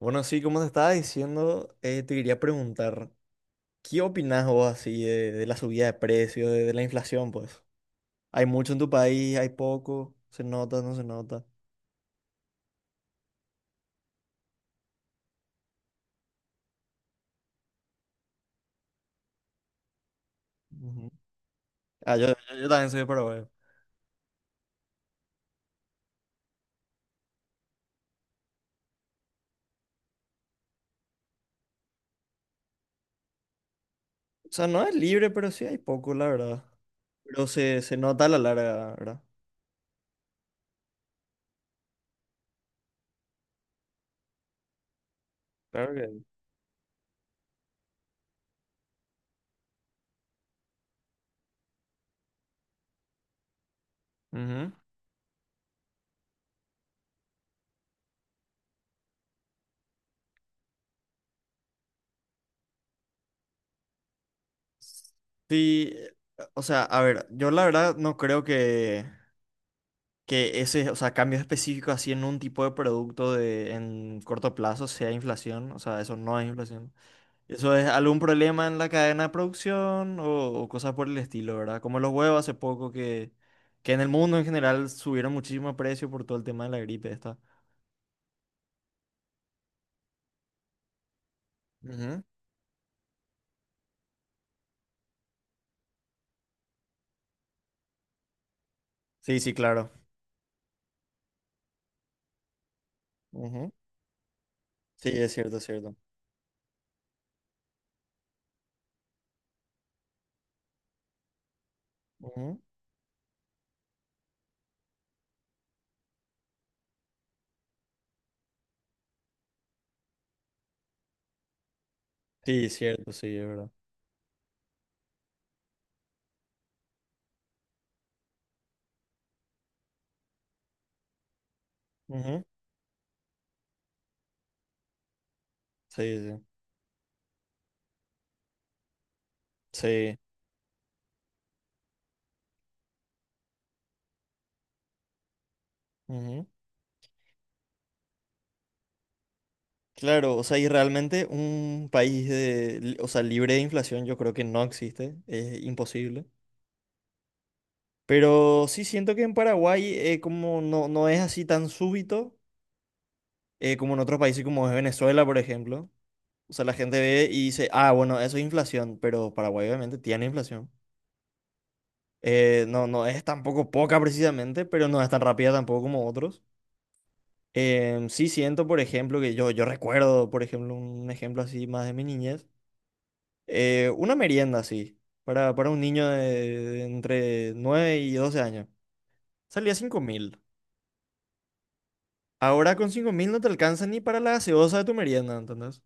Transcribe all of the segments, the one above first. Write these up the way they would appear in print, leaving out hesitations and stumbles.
Bueno, sí, como te estaba diciendo, te quería preguntar, ¿qué opinás vos así de la subida de precios, de la inflación, pues? ¿Hay mucho en tu país? ¿Hay poco? ¿Se nota? ¿No se nota? Ujú. Ah, yo también soy de Paraguay. O sea, no es libre, pero sí hay poco, la verdad. Pero se nota a la larga, ¿verdad? Claro que sí. Ujú. Sí, o sea, a ver, yo la verdad no creo que ese, o sea, cambios específicos así en un tipo de producto en corto plazo sea inflación, o sea, eso no es inflación. Eso es algún problema en la cadena de producción o cosas por el estilo, ¿verdad? Como los huevos hace poco que en el mundo en general subieron muchísimo precio por todo el tema de la gripe esta. Ujú. Sí, sí, claro. Ujú. Sí, es cierto, es cierto. Ujú. Sí, es cierto, sí, es verdad. Ujú. Sí, sí. Sí. Ujú. Claro, o sea, y realmente un país o sea, libre de inflación yo creo que no existe, es imposible. Pero sí siento que en Paraguay como no es así tan súbito como en otros países como es Venezuela, por ejemplo. O sea, la gente ve y dice, ah, bueno, eso es inflación, pero Paraguay obviamente tiene inflación. No es tampoco poca precisamente, pero no es tan rápida tampoco como otros. Sí siento, por ejemplo, que yo recuerdo, por ejemplo, un ejemplo así más de mi niñez. Una merienda así, para un niño de entre 9 y 12 años. Salía 5.000. Ahora con 5.000 no te alcanza ni para la gaseosa de tu merienda, ¿entendés?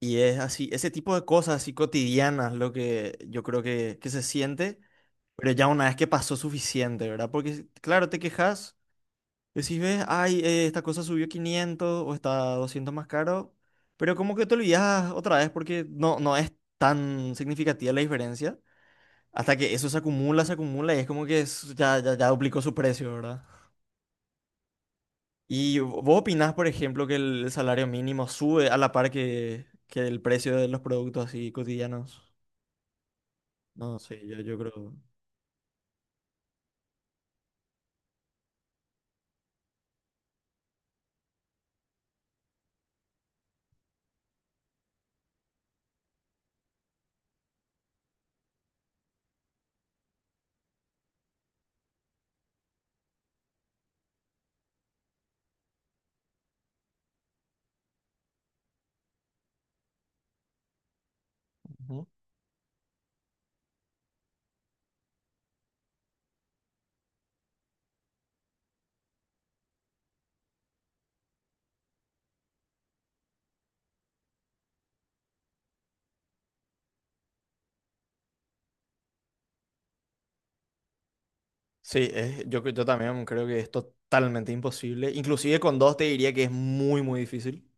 Y es así, ese tipo de cosas así cotidianas lo que yo creo que se siente, pero ya una vez que pasó suficiente, ¿verdad? Porque si, claro, te quejas, decís, ves, ay, esta cosa subió 500 o está 200 más caro, pero como que te olvidas otra vez porque no es tan significativa la diferencia. Hasta que eso se acumula y es como que ya duplicó su precio, ¿verdad? ¿Y vos opinás, por ejemplo, que el salario mínimo sube a la par que el precio de los productos así cotidianos? No, sí, yo creo. Ujú. Sí, yo también creo que es totalmente imposible. Inclusive con dos te diría que es muy, muy difícil.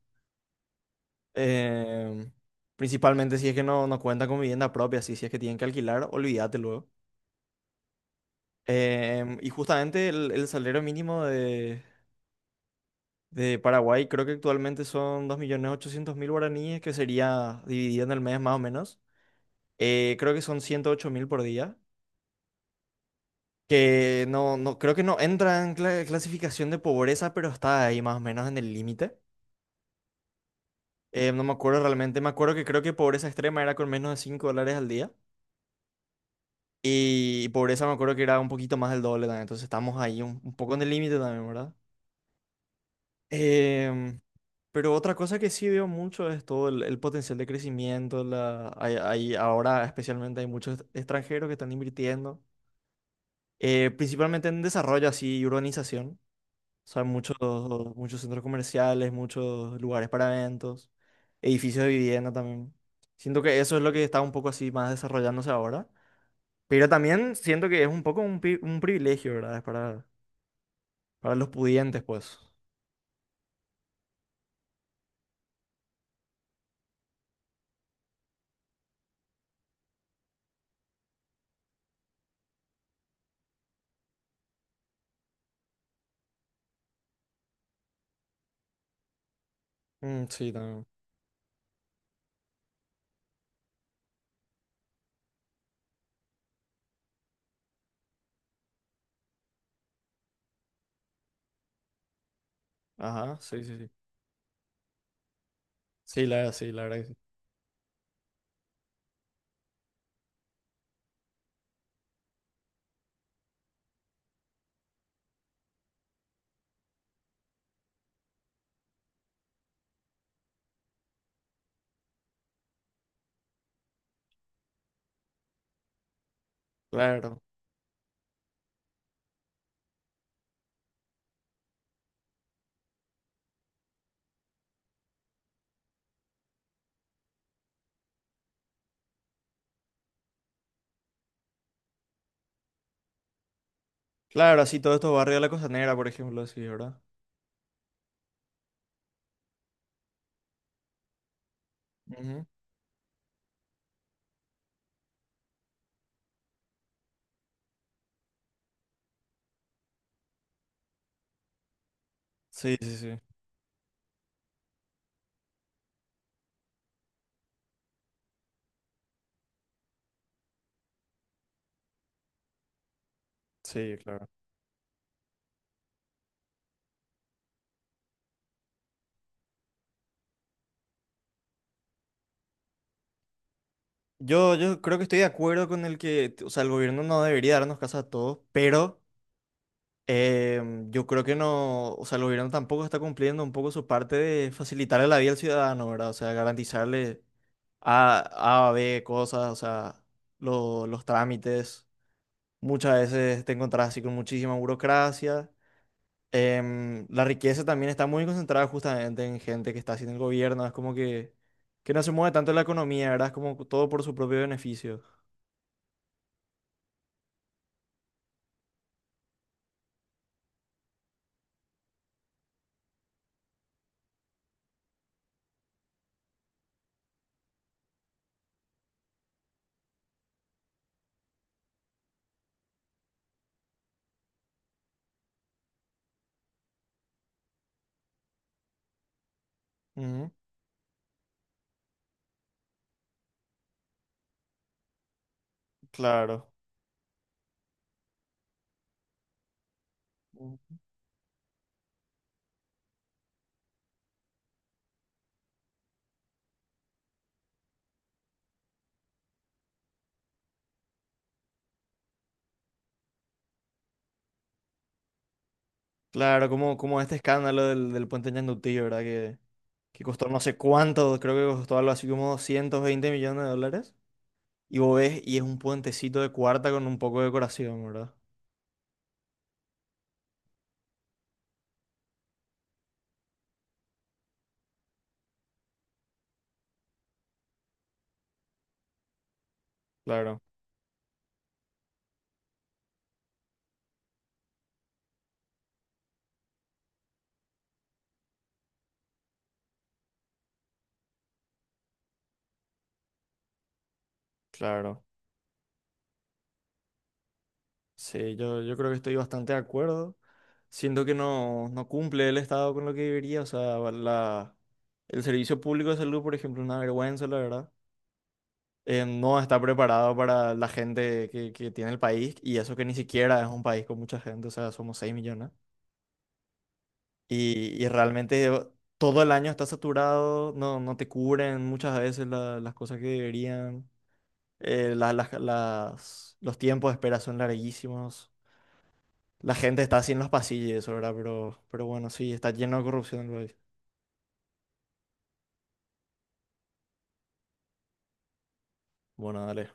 Em, principalmente si es que no cuenta con vivienda propia, si es que tienen que alquilar, olvídate luego. Y justamente el salario mínimo de De Paraguay creo que actualmente son 2.800.000 guaraníes, que sería dividido en el mes más o menos. Creo que son 108.000 por día, que creo que no entra en clasificación de pobreza, pero está ahí más o menos en el límite. No me acuerdo realmente, me acuerdo que creo que pobreza extrema era con menos de 5 dólares al día. Y pobreza me acuerdo que era un poquito más del doble también, entonces estamos ahí un poco en el límite también, ¿verdad? Em, Pero otra cosa que sí veo mucho es todo el potencial de crecimiento. Ahora especialmente hay muchos extranjeros que están invirtiendo, principalmente en desarrollo así y urbanización. O sea, muchos centros comerciales, muchos lugares para eventos, edificios de vivienda también. Siento que eso es lo que está un poco así más desarrollándose ahora. Pero también siento que es un poco un privilegio, ¿verdad? Es para, los pudientes, pues. Mm, sí, también. Ajá, sí, sí, sí. Sí, sí, la verdad que sí. Claro. Claro, así todos estos barrios de la Costanera, por ejemplo, así, ¿verdad? Ujú. Sí, sí, sí. Sí, claro. Yo creo que estoy de acuerdo con el que, o sea, el gobierno no debería darnos casa a todos, pero yo creo que no, o sea, el gobierno tampoco está cumpliendo un poco su parte de facilitarle la vida al ciudadano, ¿verdad? O sea, garantizarle A, B, cosas, o sea, los trámites. Muchas veces te encontrás así con muchísima burocracia. La riqueza también está muy concentrada justamente en gente que está haciendo el gobierno. Es como que no se mueve tanto la economía, ¿verdad? Es como todo por su propio beneficio. Ujú, claro. Mm. Claro, como este escándalo del puente Ñandutí, ¿verdad? Que costó no sé cuánto, creo que costó algo así como 220 millones de dólares. Y vos ves, y es un puentecito de cuarta con un poco de decoración, ¿verdad? Claro, claro. Sí, yo creo que estoy bastante de acuerdo. Siento que no cumple el Estado con lo que debería. O sea, el servicio público de salud, por ejemplo, es una vergüenza, la verdad. No está preparado para la gente que tiene el país y eso que ni siquiera es un país con mucha gente, o sea, somos 6 millones. Y realmente todo el año está saturado, no te cubren muchas veces las cosas que deberían. Los tiempos de espera son larguísimos. La gente está así en los pasillos, y eso, ¿verdad? Pero bueno, sí, está lleno de corrupción el país. Bueno, dale.